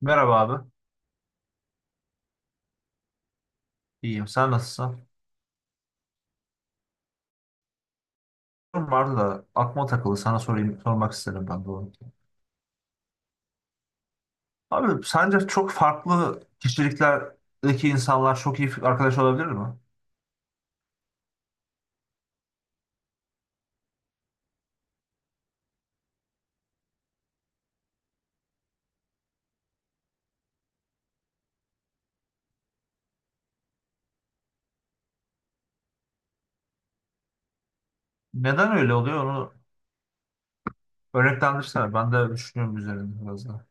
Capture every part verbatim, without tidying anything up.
Merhaba abi. İyiyim. Sen nasılsın? Sorum vardı da aklıma takıldı. Sana sorayım, sormak istedim ben de onu. Abi sence çok farklı kişiliklerdeki insanlar çok iyi arkadaş olabilir mi? Neden öyle oluyor onu örneklendirsene. Ben de düşünüyorum üzerinde biraz da.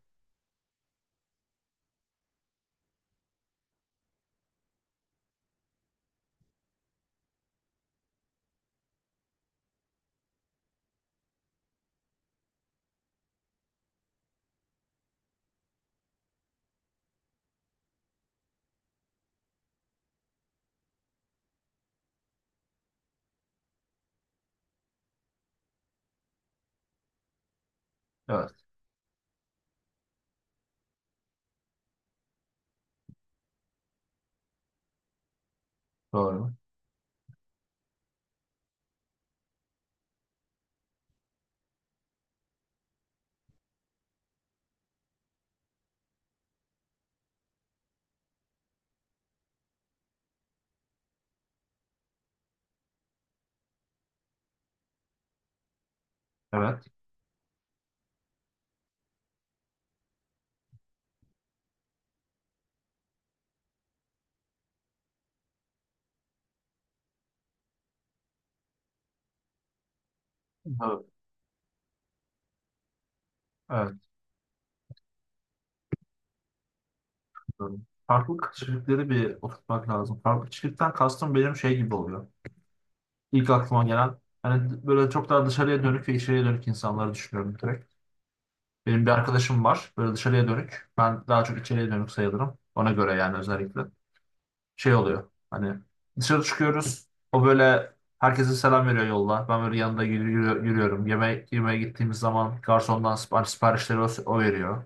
Evet. Doğru. Evet. Evet. Evet. Doğru. Farklı kişilikleri bir oturtmak lazım. Farklı kişilikten kastım benim şey gibi oluyor. İlk aklıma gelen hani böyle çok daha dışarıya dönük ve içeriye dönük insanları düşünüyorum direkt. Benim bir arkadaşım var. Böyle dışarıya dönük. Ben daha çok içeriye dönük sayılırım. Ona göre yani özellikle. Şey oluyor. Hani dışarı çıkıyoruz. O böyle herkese selam veriyor yolda. Ben böyle yanında yürü- yürü- yürüyorum. Yemek yemeye gittiğimiz zaman garsondan sipar- siparişleri o, o veriyor.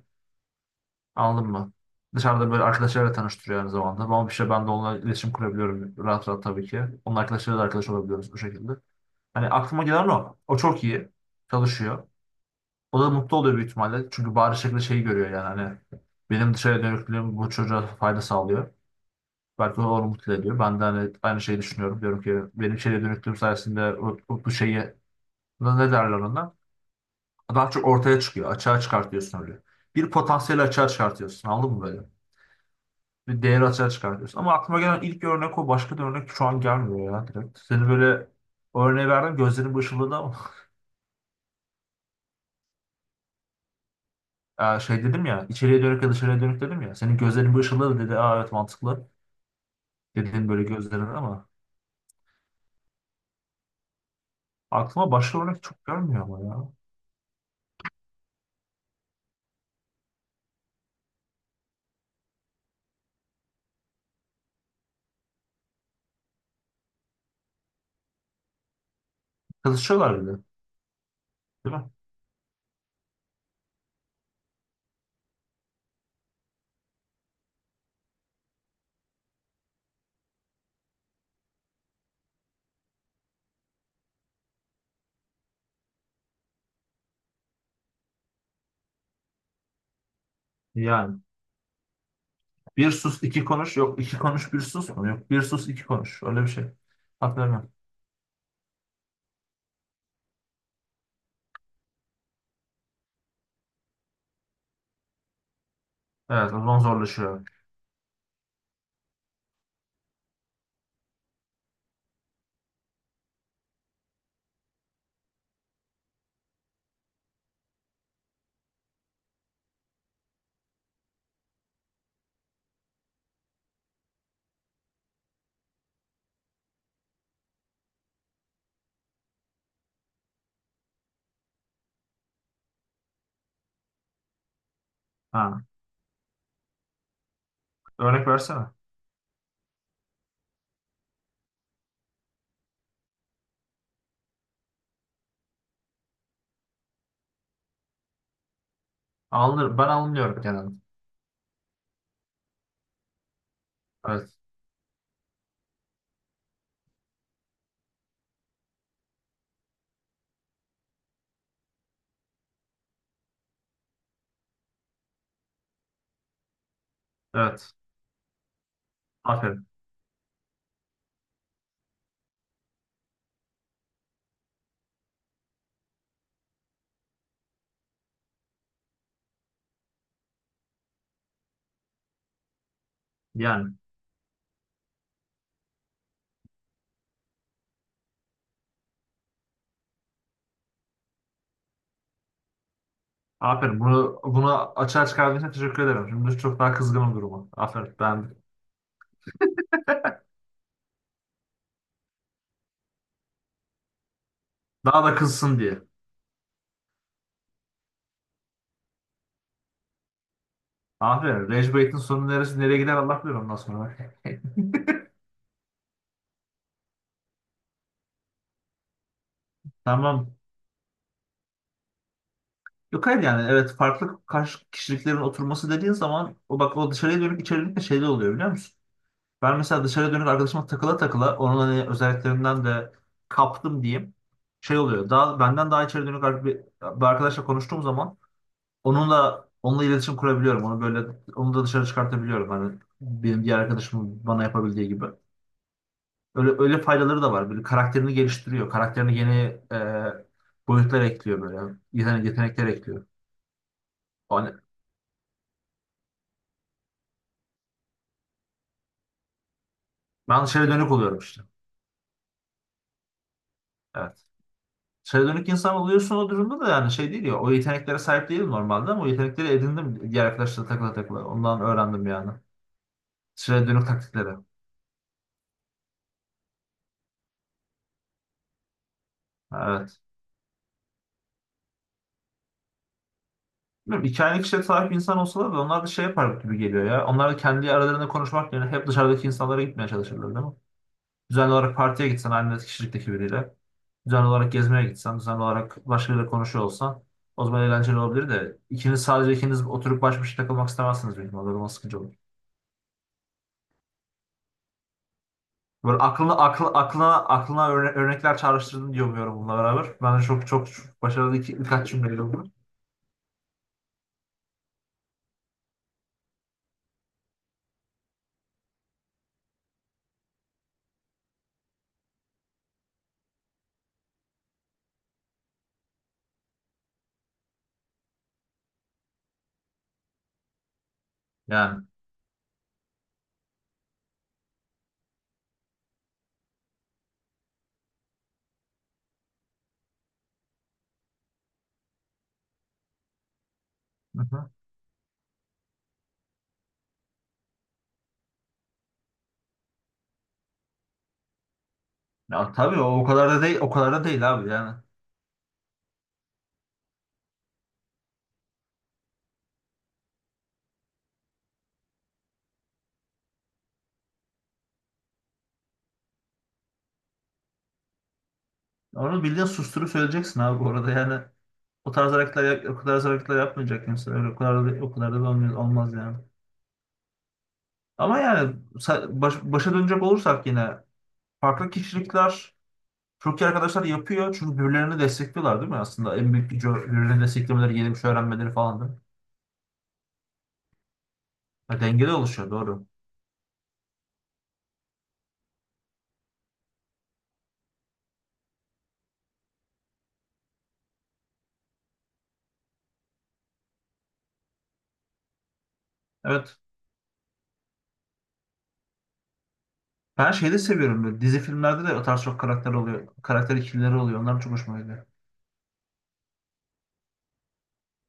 Anladın mı? Dışarıda böyle arkadaşlarla tanıştırıyor aynı zamanda. Ama bir şey ben de onunla iletişim kurabiliyorum rahat rahat tabii ki. Onun arkadaşlarıyla da arkadaş olabiliyoruz bu şekilde. Hani aklıma gelen o. O çok iyi. Çalışıyor. O da mutlu oluyor büyük ihtimalle. Çünkü bari şekilde şeyi görüyor yani hani benim dışarıya dönüklüğüm bu çocuğa fayda sağlıyor. Belki o onu mutlu ediyor. Ben de hani aynı şeyi düşünüyorum. Diyorum ki benim içeriye dönüklüğüm sayesinde o, o- bu şeyi ne derler ona? Daha çok ortaya çıkıyor. Açığa çıkartıyorsun öyle. Bir potansiyeli açığa çıkartıyorsun. Anladın mı böyle? Bir değeri açığa çıkartıyorsun. Ama aklıma gelen ilk örnek o. Başka bir örnek şu an gelmiyor ya direkt. Seni böyle o örneği verdim. Gözlerin bu ışıldadı ama. Ee, şey dedim ya. İçeriye dönük ya dışarıya dönük dedim ya. Senin gözlerin bu ışıldadı dedi. Aa evet mantıklı. Dedenin böyle gözlerine ama aklıma başka örnek çok gelmiyor ama ya. Kızışıyorlar bile. Değil mi? Yani bir sus iki konuş yok iki konuş bir sus mu yok bir sus iki konuş öyle bir şey. Hatırlamıyorum. Evet o zaman zorlaşıyor. Ha. Örnek versene. Alınır, ben alınıyorum genelde. Evet. Evet. Aferin. Yani. Aferin. Bunu, bunu açığa çıkardığın için teşekkür ederim. Şimdi çok daha kızgınım duruma. Aferin. Ben daha da kızsın diye. Aferin. Rage Bait'in sonu neresi nereye gider Allah bilir ondan sonra. Tamam. Yok hayır yani evet farklı karşı kişiliklerin oturması dediğin zaman o bak o dışarıya dönük içerilik de şeyde oluyor biliyor musun? Ben mesela dışarıya dönük arkadaşıma takıla takıla onun hani özelliklerinden de kaptım diyeyim. Şey oluyor daha benden daha içeri dönük ar- bir, bir arkadaşla konuştuğum zaman onunla onunla iletişim kurabiliyorum. Onu böyle onu da dışarı çıkartabiliyorum. Hani benim diğer arkadaşımın bana yapabildiği gibi. Öyle öyle faydaları da var. Böyle karakterini geliştiriyor. Karakterini yeni e, boyutlar ekliyor böyle. Yetenek, yetenekler ekliyor. Ben dışarı dönük oluyorum işte. Evet. Dışarı dönük insan oluyorsun o durumda da yani şey değil ya. O yeteneklere sahip değilim normalde ama o yetenekleri edindim diğer arkadaşlarla takıla takıla. Ondan öğrendim yani. Dışarı dönük taktikleri. Evet. Bilmiyorum, iki kişiye sahip insan olsalar da onlar da şey yapar gibi geliyor ya. Onlar da kendi aralarında konuşmak yerine hep dışarıdaki insanlara gitmeye çalışırlar değil mi? Düzenli olarak partiye gitsen aynı kişilikteki biriyle. Düzenli olarak gezmeye gitsen, düzenli olarak başkalarıyla konuşuyor olsan o zaman eğlenceli olabilir de ikiniz sadece ikiniz oturup baş başa takılmak istemezsiniz benim. O zaman sıkıcı olur. Böyle aklına akl, aklına aklına örne- örnekler çağrıştırdın diye umuyorum bununla beraber. Bence çok çok başarılı iki, birkaç cümleydi bunlar. Yani. Hı hı. Ya tabii o, o kadar da değil o kadar da değil abi yani. Onu bildiğin susturup söyleyeceksin abi bu arada yani. O tarz hareketler yap- o tarz hareketler yapmayacak insan. Öyle o kadar da, o kadar da olmaz, olmaz yani. Ama yani sa- baş- başa dönecek olursak yine farklı kişilikler çok iyi arkadaşlar yapıyor. Çünkü birbirlerini destekliyorlar değil mi aslında? En büyük gücü birbirlerini desteklemeleri, yeni bir şey öğrenmeleri falan değil mi? Ha, dengeli oluşuyor doğru. Evet. Ben şeyi de seviyorum böyle. Dizi filmlerde de o tarz çok karakter oluyor. Karakter ikilileri oluyor. Onlar çok hoşuma gidiyor.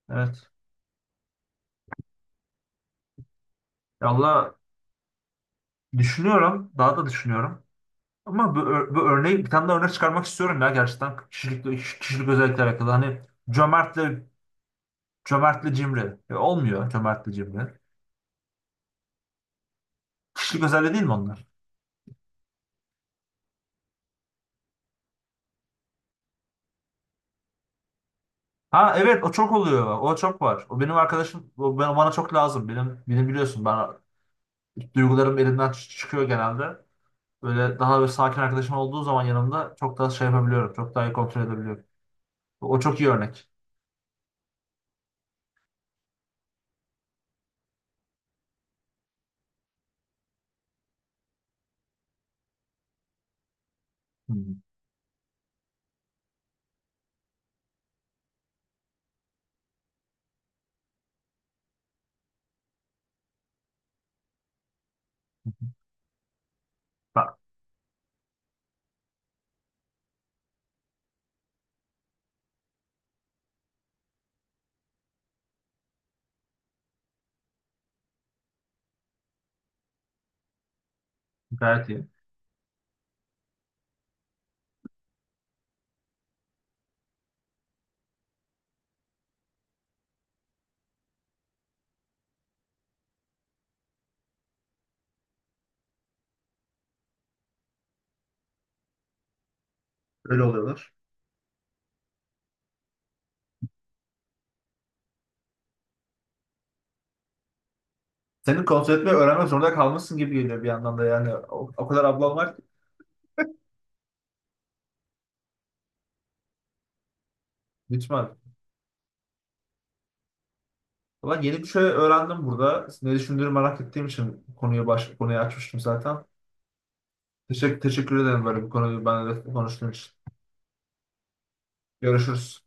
Evet. Ya valla düşünüyorum. Daha da düşünüyorum. Ama bu, ör- bu örneği bir tane daha örnek çıkarmak istiyorum ya gerçekten. Kişilik, kişilik özellikle alakalı. Hani cömertle cömertle cimri. E, olmuyor cömertle cimri. Kişilik özelliği değil mi onlar? Ha evet o çok oluyor. O çok var. O benim arkadaşım. O ben- bana çok lazım. Benim, benim biliyorsun. Ben duygularım elimden ç- çıkıyor genelde. Böyle daha böyle sakin arkadaşım olduğu zaman yanımda çok daha şey yapabiliyorum. Çok daha iyi kontrol edebiliyorum. O çok iyi örnek. Hmm. Bak, gayet iyi. Öyle oluyorlar. Senin kontrol etmeyi öğrenmek zorunda kalmışsın gibi geliyor bir yandan da yani. O, o kadar ablan var ki. Lütfen. Ulan yeni bir şey öğrendim burada. Ne düşündüğünü merak ettiğim için konuyu baş, konuyu açmıştım zaten. Teşekkür, teşekkür ederim böyle bir konuyu benimle konuştuğun için. Görüşürüz.